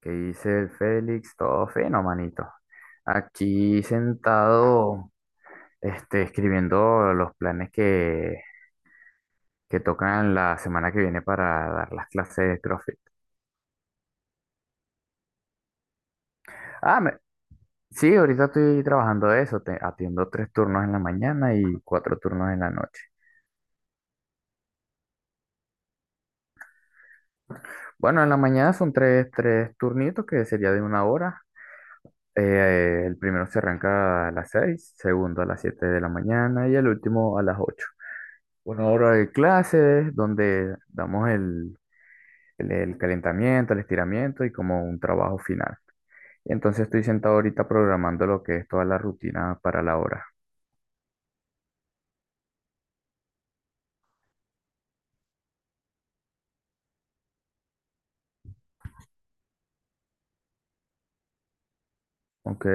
¿Qué dice el Félix? Todo fino, manito. Aquí sentado, escribiendo los planes que tocan la semana que viene para dar las clases de CrossFit. Ah, me- sí, ahorita estoy trabajando de eso. Atiendo tres turnos en la mañana y cuatro turnos en la noche. Bueno, en la mañana son tres turnitos que sería de una hora. El primero se arranca a las seis, segundo a las siete de la mañana y el último a las ocho. Una hora de clases donde damos el calentamiento, el estiramiento y como un trabajo final. Entonces estoy sentado ahorita programando lo que es toda la rutina para la hora. ¿Ok?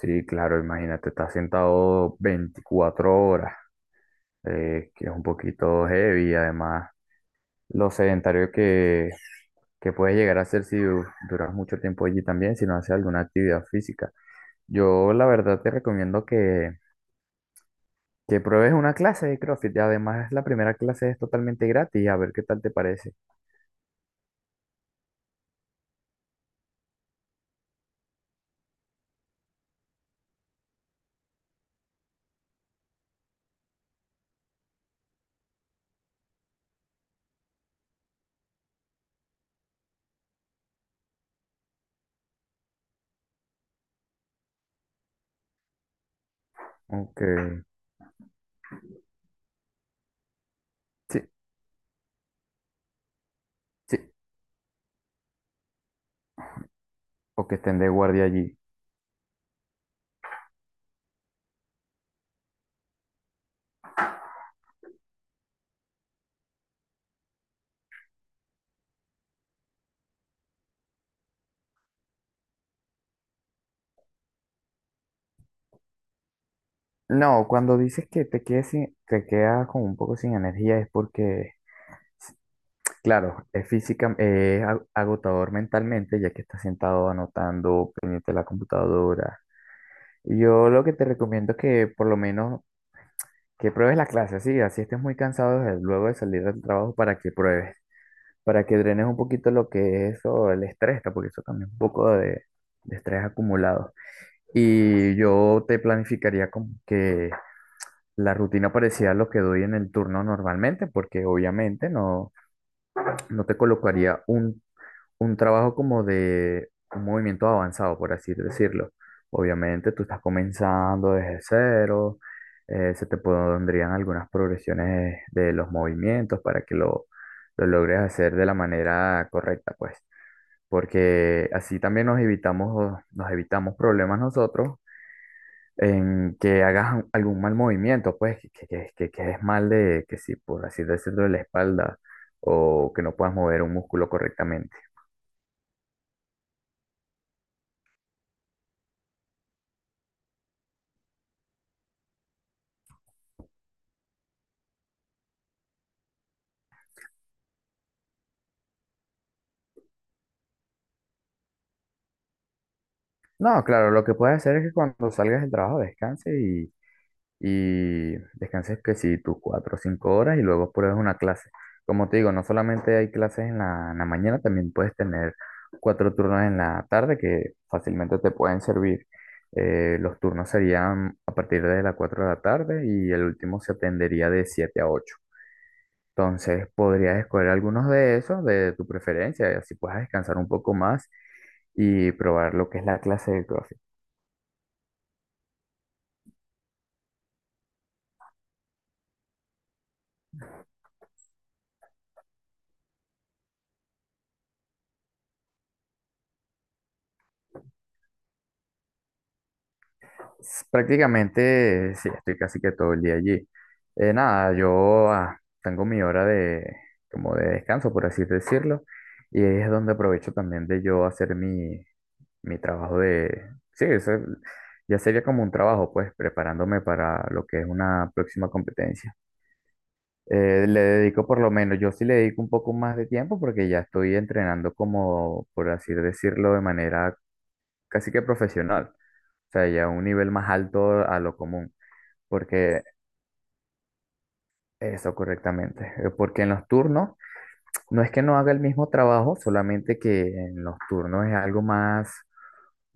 Sí, claro, imagínate, estás sentado 24 horas, que es un poquito heavy, además lo sedentario que puedes llegar a ser si du- duras mucho tiempo allí también, si no haces alguna actividad física. Yo la verdad te recomiendo que pruebes una clase de CrossFit. Y además, la primera clase es totalmente gratis. A ver qué tal te parece. Aunque, sí, sí. O que estén de guardia allí. No, cuando dices que te quedes sin, que quedas como un poco sin energía es porque, claro, es física, es agotador mentalmente ya que estás sentado anotando, pendiente de la computadora. Yo lo que te recomiendo es que por lo menos que pruebes la clase, sí, así estés muy cansado luego de salir del trabajo para que pruebes. Para que drenes un poquito lo que es eso, el estrés, está, porque eso también es un poco de estrés acumulado. Y yo te planificaría como que la rutina parecía a lo que doy en el turno normalmente, porque obviamente no, no te colocaría un trabajo como de un movimiento avanzado, por así decirlo. Obviamente tú estás comenzando desde cero, se te pondrían algunas progresiones de los movimientos para que lo logres hacer de la manera correcta, pues porque así también nos evitamos problemas nosotros en que hagas algún mal movimiento, pues que quedes mal de, que si por así decirlo, de la espalda o que no puedas mover un músculo correctamente. No, claro, lo que puedes hacer es que cuando salgas del trabajo descanse y descanses que si tus cuatro o cinco horas y luego pruebes una clase. Como te digo, no solamente hay clases en la mañana, también puedes tener cuatro turnos en la tarde que fácilmente te pueden servir. Los turnos serían a partir de las 4 de la tarde y el último se atendería de 7 a ocho. Entonces podrías escoger algunos de esos de tu preferencia y así puedas descansar un poco más y probar lo que es la clase de CrossFit. Prácticamente, sí, estoy casi que todo el día allí. Nada, yo tengo mi hora de, como de descanso, por así decirlo, y ahí es donde aprovecho también de yo hacer mi trabajo de... Sí, eso ya sería como un trabajo, pues, preparándome para lo que es una próxima competencia. Le dedico por lo menos, yo sí le dedico un poco más de tiempo porque ya estoy entrenando como, por así decirlo, de manera casi que profesional, o sea, ya a un nivel más alto a lo común. Porque eso correctamente. Porque en los turnos no es que no haga el mismo trabajo, solamente que en los turnos es algo más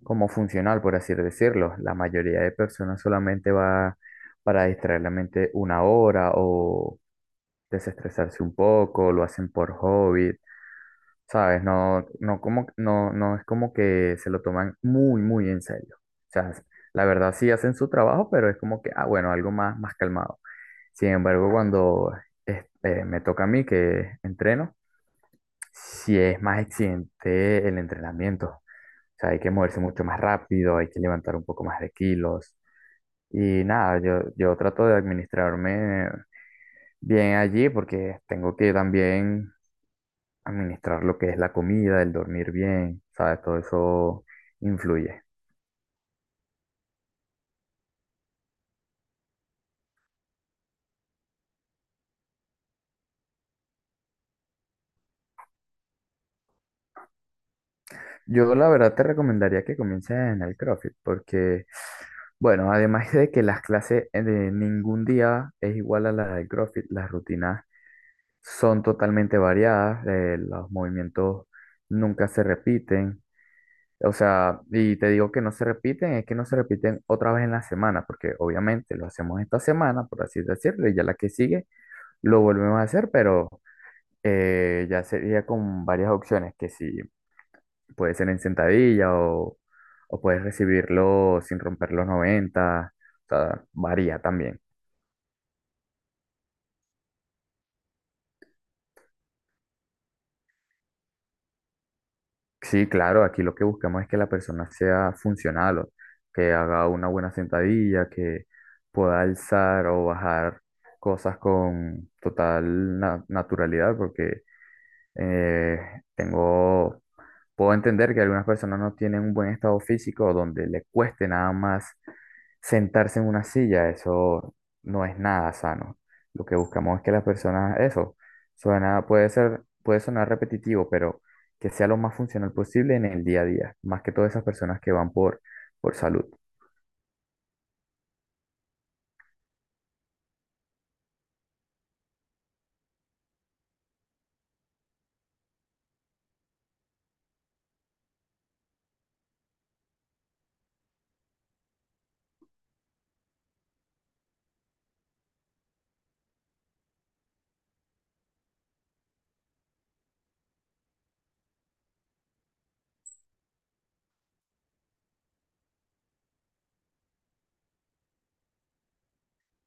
como funcional, por así decirlo. La mayoría de personas solamente va para distraer la mente una hora o desestresarse un poco, lo hacen por hobby, ¿sabes? No, no, como, no, no es como que se lo toman muy, muy en serio. O sea, la verdad sí hacen su trabajo, pero es como que, ah, bueno, algo más, más calmado. Sin embargo, cuando me toca a mí que entreno, si es más exigente el entrenamiento. O sea, hay que moverse mucho más rápido, hay que levantar un poco más de kilos. Y nada, yo trato de administrarme bien allí porque tengo que también administrar lo que es la comida, el dormir bien, ¿sabes? Todo eso influye. Yo la verdad te recomendaría que comiences en el CrossFit porque, bueno, además de que las clases de ningún día es igual a la del CrossFit, las rutinas son totalmente variadas, los movimientos nunca se repiten, o sea, y te digo que no se repiten, es que no se repiten otra vez en la semana, porque obviamente lo hacemos esta semana, por así decirlo, y ya la que sigue lo volvemos a hacer, pero ya sería con varias opciones, que sí. Puede ser en sentadilla o puedes recibirlo sin romper los noventa. O sea, varía también. Sí, claro, aquí lo que buscamos es que la persona sea funcional, o que haga una buena sentadilla, que pueda alzar o bajar cosas con total naturalidad, porque Eh, tengo, puedo entender que algunas personas no tienen un buen estado físico donde le cueste nada más sentarse en una silla. Eso no es nada sano. Lo que buscamos es que las personas, eso, suena, puede ser, puede sonar repetitivo, pero que sea lo más funcional posible en el día a día, más que todas esas personas que van por salud.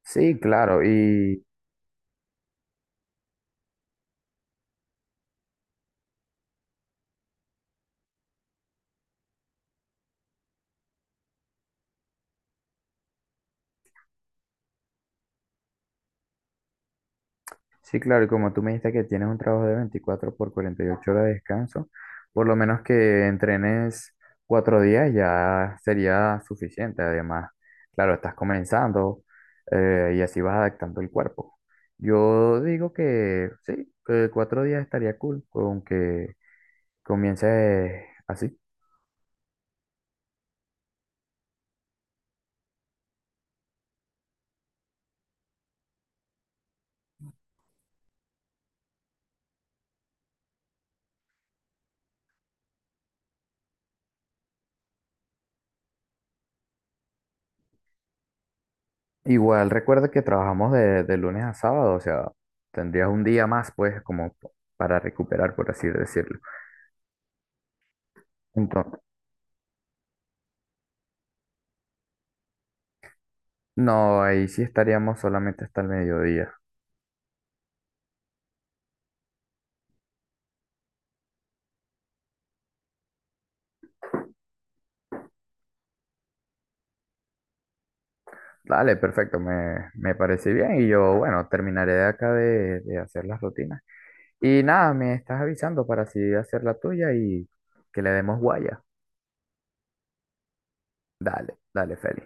Sí, claro, y Sí, claro, y como tú me dijiste que tienes un trabajo de 24 por 48 horas de descanso, por lo menos que entrenes cuatro días ya sería suficiente. Además, claro, estás comenzando y así vas adaptando el cuerpo. Yo digo que sí, que cuatro días estaría cool, con que comiences así. Igual recuerda que trabajamos de lunes a sábado, o sea, tendrías un día más, pues, como para recuperar, por así decirlo. Entonces, no, ahí sí estaríamos solamente hasta el mediodía. Dale, perfecto, me parece bien y yo, bueno, terminaré de acá de hacer las rutinas. Y nada, me estás avisando para así hacer la tuya y que le demos guaya. Dale, dale, Feli.